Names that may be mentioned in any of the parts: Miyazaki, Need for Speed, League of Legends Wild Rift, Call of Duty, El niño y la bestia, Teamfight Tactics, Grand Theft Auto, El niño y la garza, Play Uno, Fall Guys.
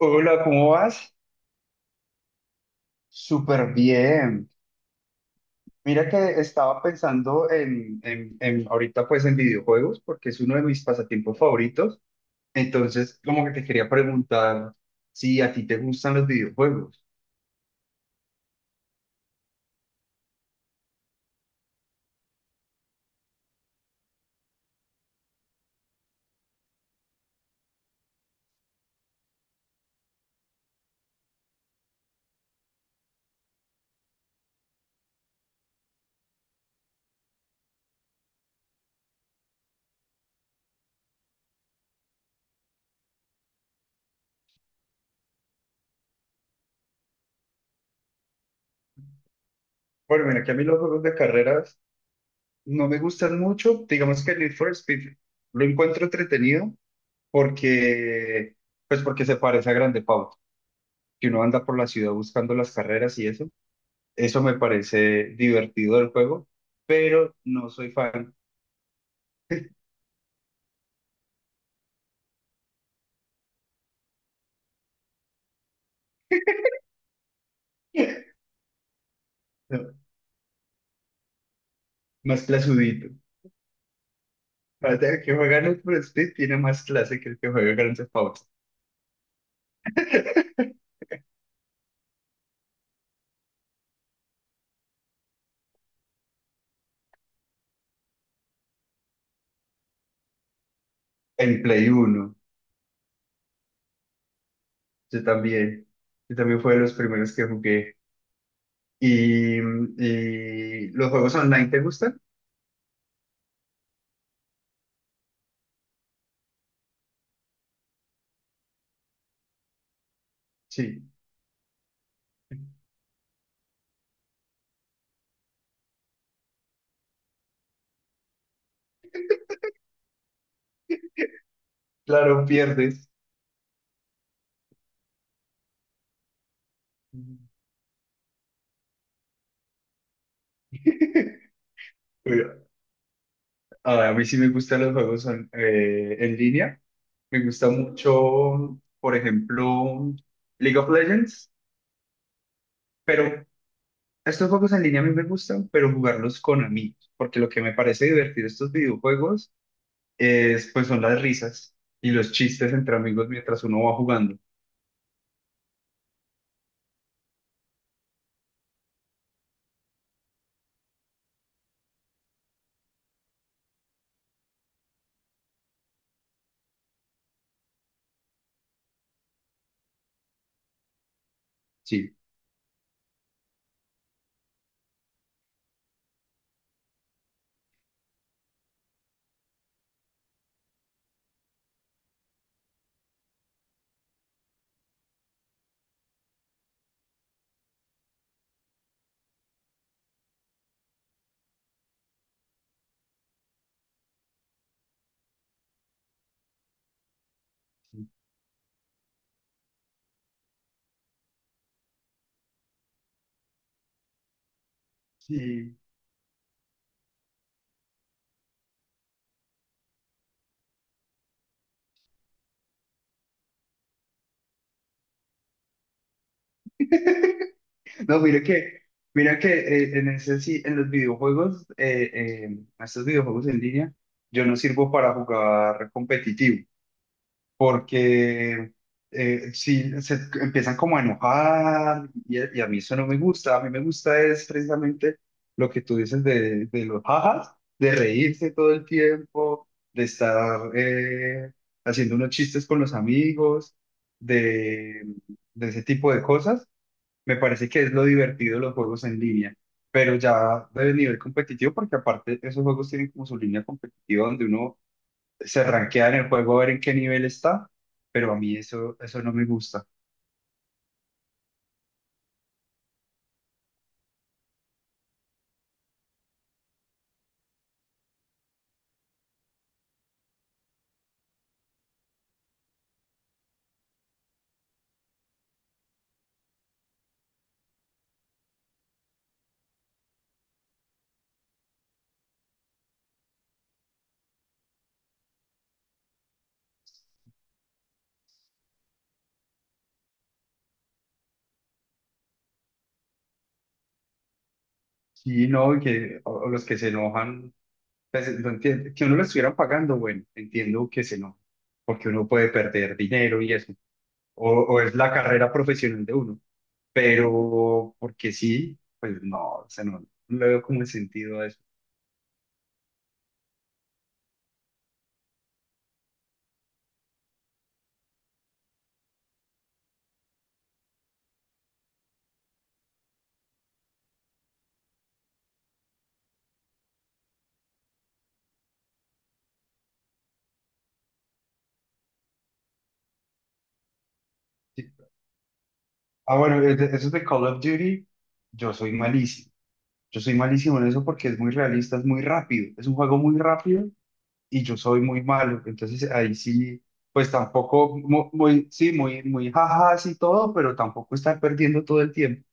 Hola, ¿cómo vas? Súper bien. Mira que estaba pensando en ahorita pues en videojuegos porque es uno de mis pasatiempos favoritos. Entonces, como que te quería preguntar si a ti te gustan los videojuegos. Bueno, mira que a mí los juegos de carreras no me gustan mucho. Digamos que el Need for Speed lo encuentro entretenido porque pues porque se parece a Grand Theft Auto, que uno anda por la ciudad buscando las carreras y eso. Eso me parece divertido del juego, pero no soy fan. No, más clasudito. Aparte, el que juega Need for Speed tiene más clase que el que juega Grand Theft Auto. En Play Uno. Yo también. Yo también fue de los primeros que jugué. Y los juegos online, ¿te gustan? Sí. Claro, pierdes. Pero, ah, a mí sí me gustan los juegos en línea. Me gusta mucho, por ejemplo, League of Legends. Pero estos juegos en línea a mí me gustan, pero jugarlos con amigos, porque lo que me parece divertido de estos videojuegos es, pues son las risas y los chistes entre amigos mientras uno va jugando. Sí. Sí. No, mira que en ese sí, en los videojuegos, estos videojuegos en línea, yo no sirvo para jugar competitivo. Porque si se empiezan como a enojar y a mí eso no me gusta, a mí me gusta es precisamente lo que tú dices de los jajas, de reírse todo el tiempo, de estar haciendo unos chistes con los amigos, de, de ese tipo de cosas. Me parece que es lo divertido de los juegos en línea. Pero ya de nivel competitivo, porque aparte esos juegos tienen como su línea competitiva donde uno se rankea en el juego a ver en qué nivel está, pero a mí eso no me gusta. Y no, y que o los que se enojan, pues, no entiendo, que uno lo estuviera pagando, bueno, entiendo que se enojan, porque uno puede perder dinero y eso, o es la carrera profesional de uno, pero porque sí, pues no, o sea, no, no le veo como el sentido a eso. Sí. Ah, bueno, eso es de Call of Duty, yo soy malísimo. Yo soy malísimo en eso porque es muy realista, es muy rápido, es un juego muy rápido y yo soy muy malo. Entonces ahí sí, pues tampoco, muy, sí, muy, muy jajas y todo, pero tampoco estar perdiendo todo el tiempo.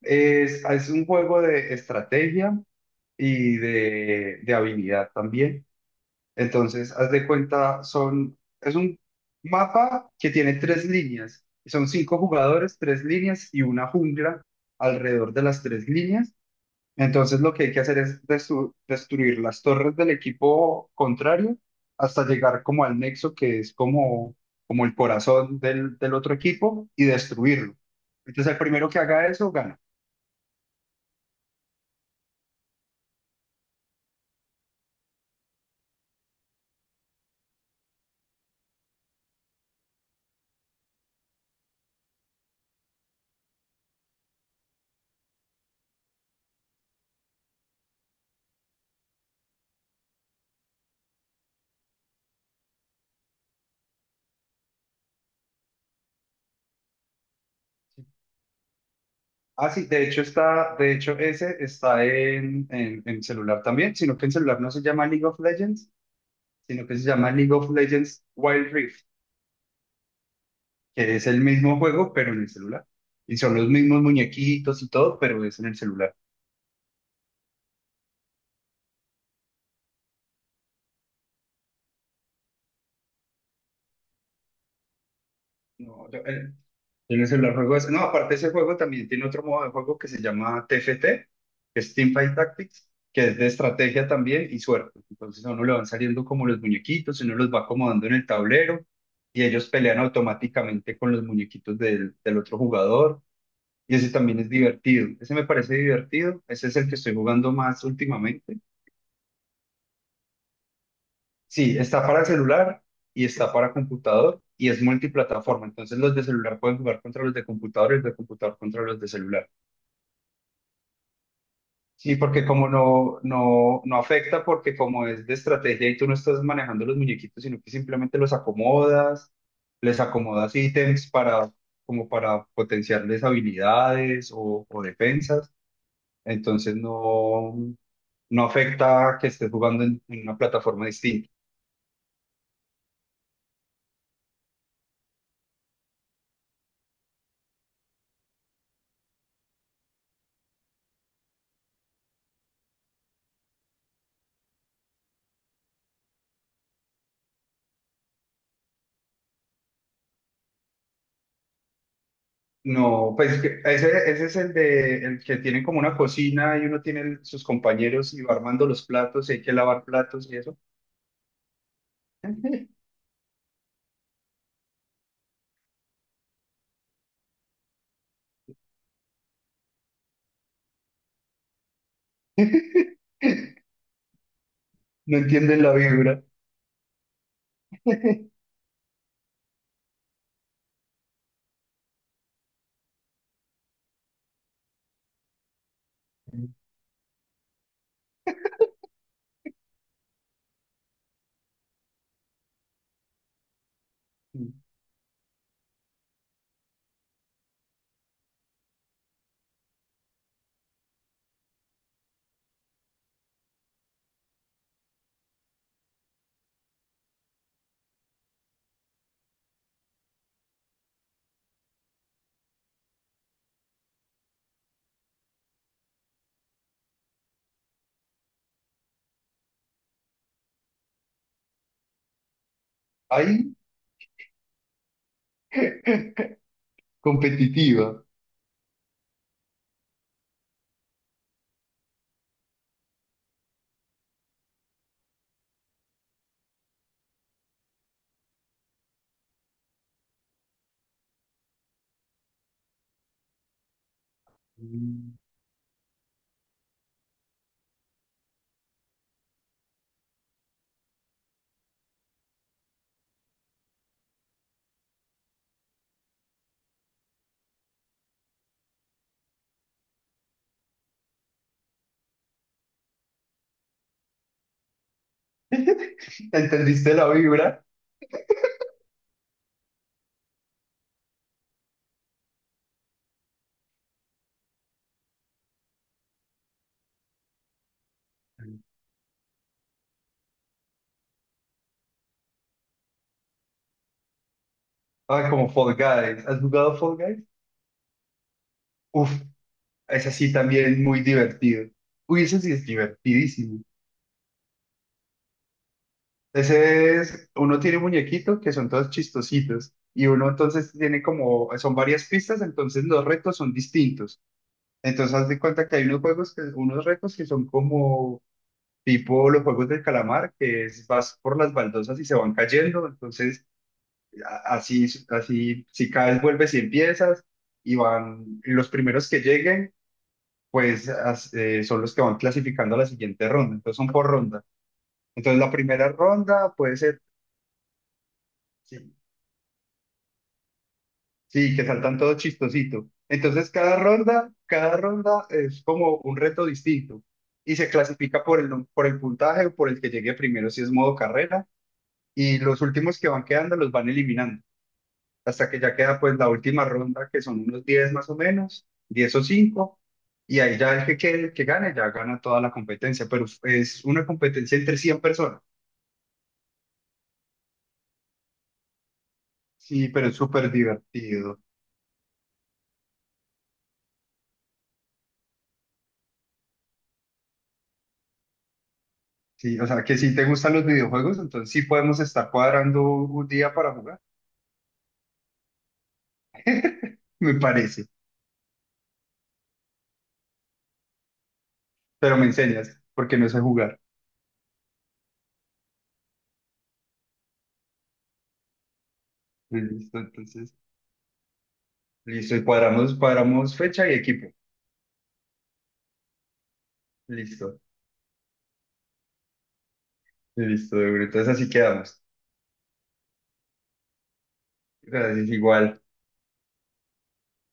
Es un juego de estrategia y de habilidad también. Entonces, haz de cuenta, son, es un mapa que tiene 3 líneas. Son 5 jugadores, 3 líneas y una jungla alrededor de las 3 líneas. Entonces lo que hay que hacer es destruir las torres del equipo contrario hasta llegar como al nexo que es como, como el corazón del otro equipo y destruirlo. Entonces el primero que haga eso gana. Ah, sí, de hecho está, de hecho ese está en celular también, sino que en celular no se llama League of Legends, sino que se llama League of Legends Wild Rift, que es el mismo juego pero en el celular. Y son los mismos muñequitos y todo, pero es en el celular. No, yo, en el celular juego ese. No, aparte ese juego también tiene otro modo de juego que se llama TFT, que es Teamfight Tactics, que es de estrategia también y suerte. Entonces a uno le van saliendo como los muñequitos, uno los va acomodando en el tablero y ellos pelean automáticamente con los muñequitos del otro jugador. Y ese también es divertido. Ese me parece divertido. Ese es el que estoy jugando más últimamente. Sí, está para celular y está para computador y es multiplataforma. Entonces los de celular pueden jugar contra los de computador y los de computador contra los de celular. Sí, porque como no afecta, porque como es de estrategia y tú no estás manejando los muñequitos, sino que simplemente los acomodas, les acomodas ítems para, como para potenciarles habilidades o defensas, entonces no, no afecta que estés jugando en una plataforma distinta. No, ese, ese es el de el que tienen como una cocina y uno tiene sus compañeros y va armando los platos y hay que lavar platos y eso. No entienden la vibra. Ahí, competitiva. ¿Entendiste la vibra? Ah, como Fall Guys. ¿Has jugado Fall Guys? Uf, esa sí también muy divertido. Uy, ese sí es divertidísimo. Ese es, uno tiene muñequitos que son todos chistositos y uno entonces tiene como, son varias pistas, entonces los retos son distintos. Entonces haz de cuenta que hay unos juegos que, unos retos que son como tipo los juegos del calamar, que es vas por las baldosas y se van cayendo, entonces así, así, si caes, vuelves y empiezas, y van, y los primeros que lleguen, pues son los que van clasificando a la siguiente ronda, entonces son por ronda. Entonces la primera ronda puede ser, sí, sí, que saltan todos chistositos. Entonces cada ronda es como un reto distinto. Y se clasifica por el, por el puntaje o por el que llegue primero, si es modo carrera, y los últimos que van quedando los van eliminando, hasta que ya queda pues la última ronda, que son unos 10 más o menos, 10 o 5, y ahí ya el que quede, el que gane ya gana toda la competencia, pero es una competencia entre 100 personas, sí, pero es súper divertido. Sí, o sea que si te gustan los videojuegos, entonces sí podemos estar cuadrando un día para jugar, me parece, pero me enseñas, porque no sé jugar, listo, entonces, listo, y cuadramos, cuadramos fecha y equipo, listo, listo, de una. Entonces así quedamos. Gracias, igual.